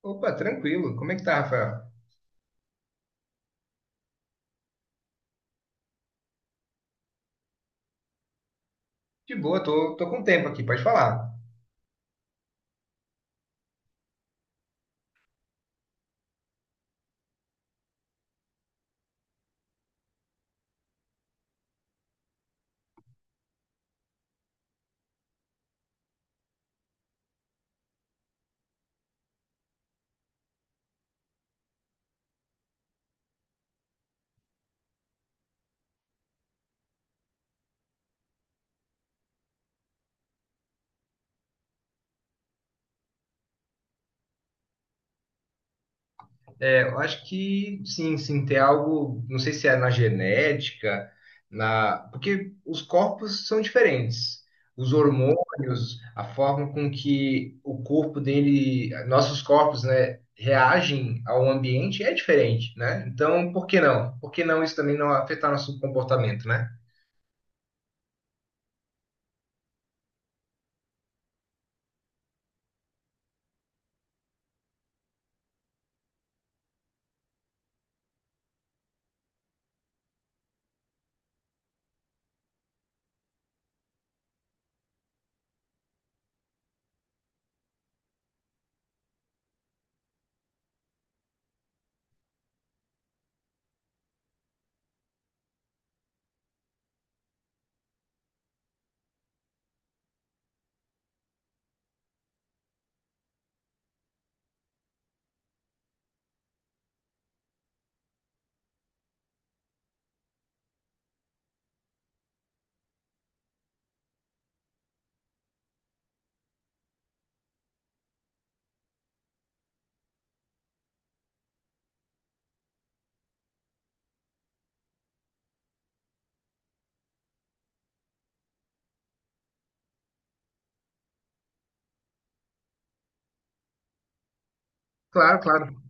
Opa, tranquilo. Como é que tá, Rafael? De boa, tô, com tempo aqui, pode falar. Eu acho que sim, tem algo, não sei se é na genética, porque os corpos são diferentes. Os hormônios, a forma com que o corpo dele, nossos corpos, né, reagem ao ambiente é diferente, né? Então, por que não? Por que não isso também não afetar nosso comportamento, né? Claro, claro.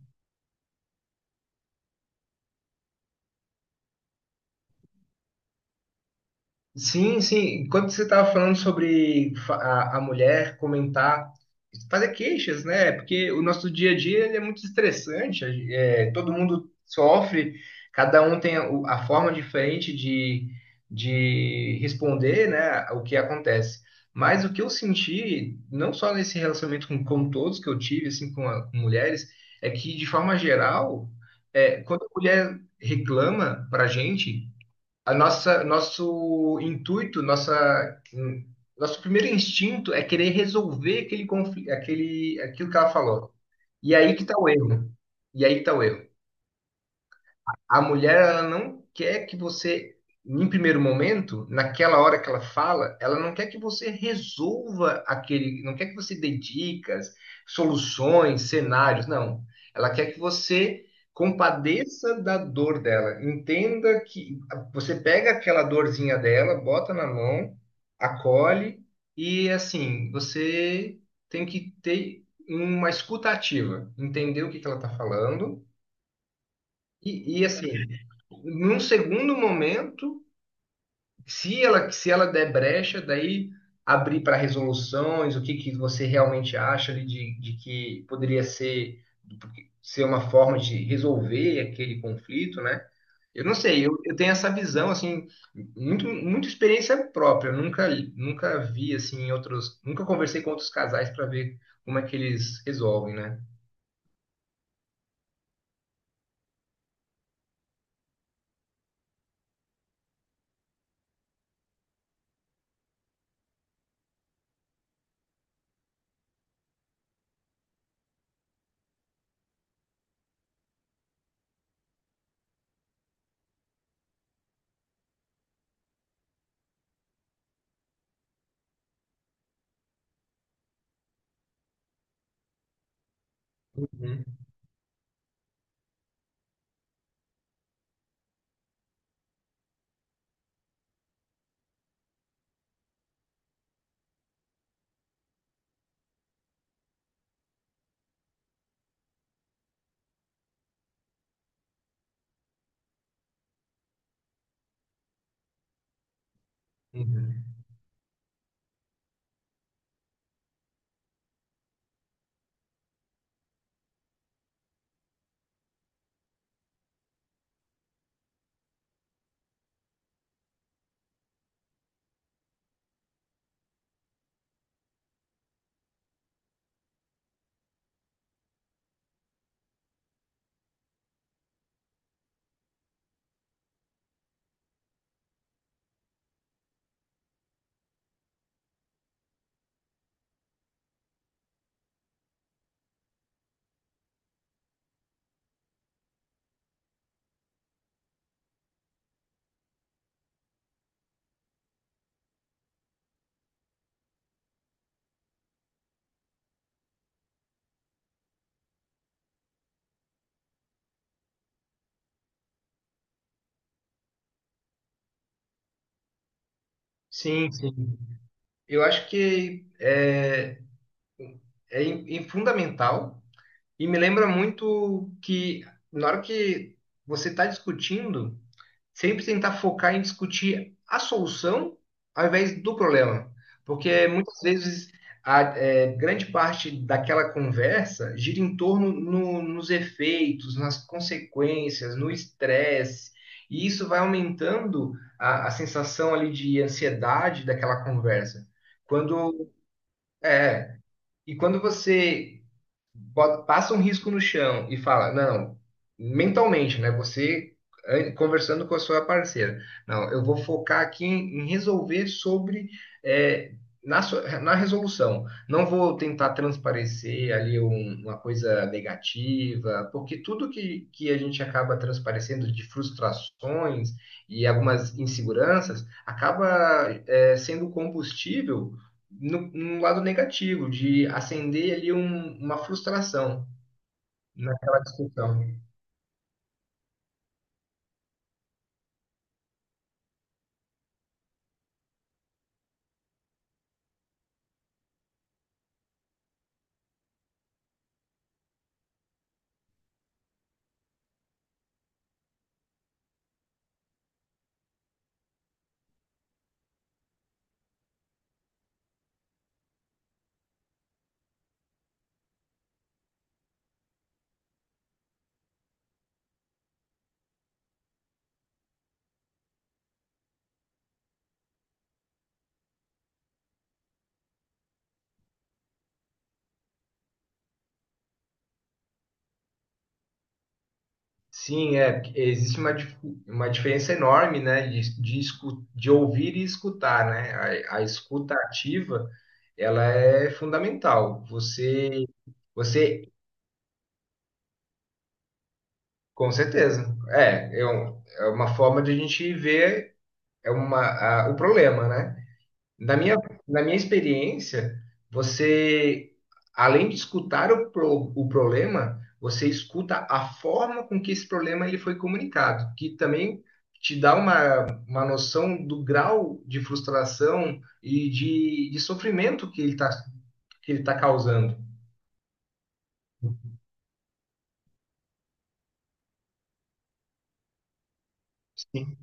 Sim, sim. Enquanto você estava falando sobre a mulher comentar, fazer queixas, né? Porque o nosso dia a dia ele é muito estressante. Todo mundo sofre, cada um tem a forma diferente de responder, né, o que acontece. Mas o que eu senti, não só nesse relacionamento com todos que eu tive, assim, com mulheres, é que, de forma geral, quando a mulher reclama pra gente a nossa, nosso primeiro instinto é querer resolver aquele conflito, aquilo que ela falou. E aí que está o erro. E aí que está o erro. A mulher ela não quer que você, em primeiro momento, naquela hora que ela fala, ela não quer que você resolva aquele, não quer que você dê dicas, soluções, cenários, não. Ela quer que você compadeça da dor dela, entenda que você pega aquela dorzinha dela, bota na mão, acolhe e assim, você tem que ter uma escuta ativa, entender o que que ela está falando assim, num segundo momento, se ela der brecha, daí abrir para resoluções, que você realmente acha ali de que poderia ser, ser uma forma de resolver aquele conflito, né? Eu não sei, eu tenho essa visão, assim, muita experiência própria. Eu nunca, nunca vi, assim, em outros. Nunca conversei com outros casais para ver como é que eles resolvem, né? Uhum, uhum. Sim, sim. Eu acho que fundamental e me lembra muito que na hora que você está discutindo, sempre tentar focar em discutir a solução ao invés do problema. Porque muitas vezes grande parte daquela conversa gira em torno nos efeitos, nas consequências, no estresse. E isso vai aumentando a sensação ali de ansiedade daquela conversa. Quando é, E quando você passa um risco no chão e fala, não, mentalmente, né? Você conversando com a sua parceira, não, eu vou focar aqui em resolver sobre eh, na resolução. Não vou tentar transparecer ali uma coisa negativa, porque tudo que a gente acaba transparecendo de frustrações e algumas inseguranças acaba sendo combustível no lado negativo, de acender ali uma frustração naquela discussão. Sim, é, existe uma diferença enorme, né, de ouvir e escutar, né? A escuta ativa, ela é fundamental. Você, você, com certeza, é uma forma de a gente ver é uma, o problema, né? Na minha, na minha experiência, você, além de escutar o problema, você escuta a forma com que esse problema ele foi comunicado, que também te dá uma noção do grau de frustração de sofrimento que ele está que ele tá causando. Sim.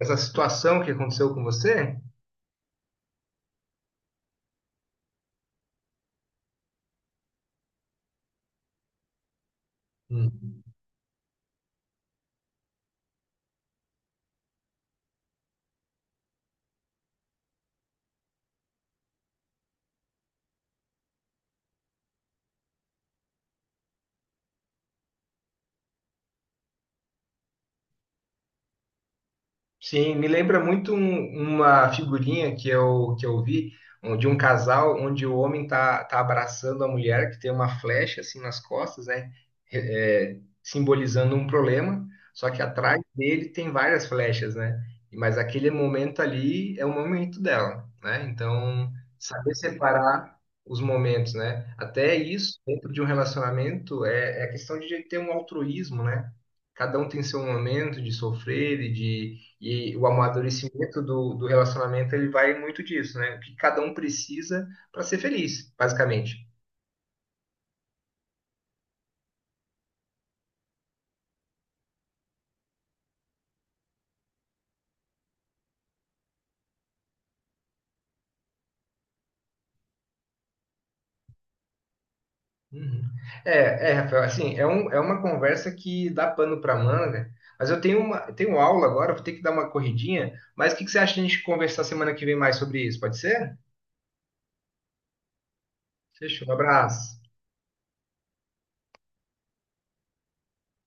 Essa situação que aconteceu com você? Hum. Sim, me lembra muito uma figurinha que eu vi de um casal onde o homem tá, tá abraçando a mulher, que tem uma flecha assim nas costas, né? É, é, simbolizando um problema, só que atrás dele tem várias flechas, né? Mas aquele momento ali é o momento dela, né? Então, saber separar os momentos, né? Até isso, dentro de um relacionamento, é, é a questão de ter um altruísmo, né? Cada um tem seu momento de sofrer e o amadurecimento do relacionamento, ele vai muito disso, né? O que cada um precisa para ser feliz, basicamente. Uhum. É, é, Rafael, assim, é, um, é uma conversa que dá pano para manga, mas eu tenho uma, eu tenho aula agora, vou ter que dar uma corridinha, mas o que que você acha de a gente conversar semana que vem mais sobre isso? Pode ser? Fechou, um abraço.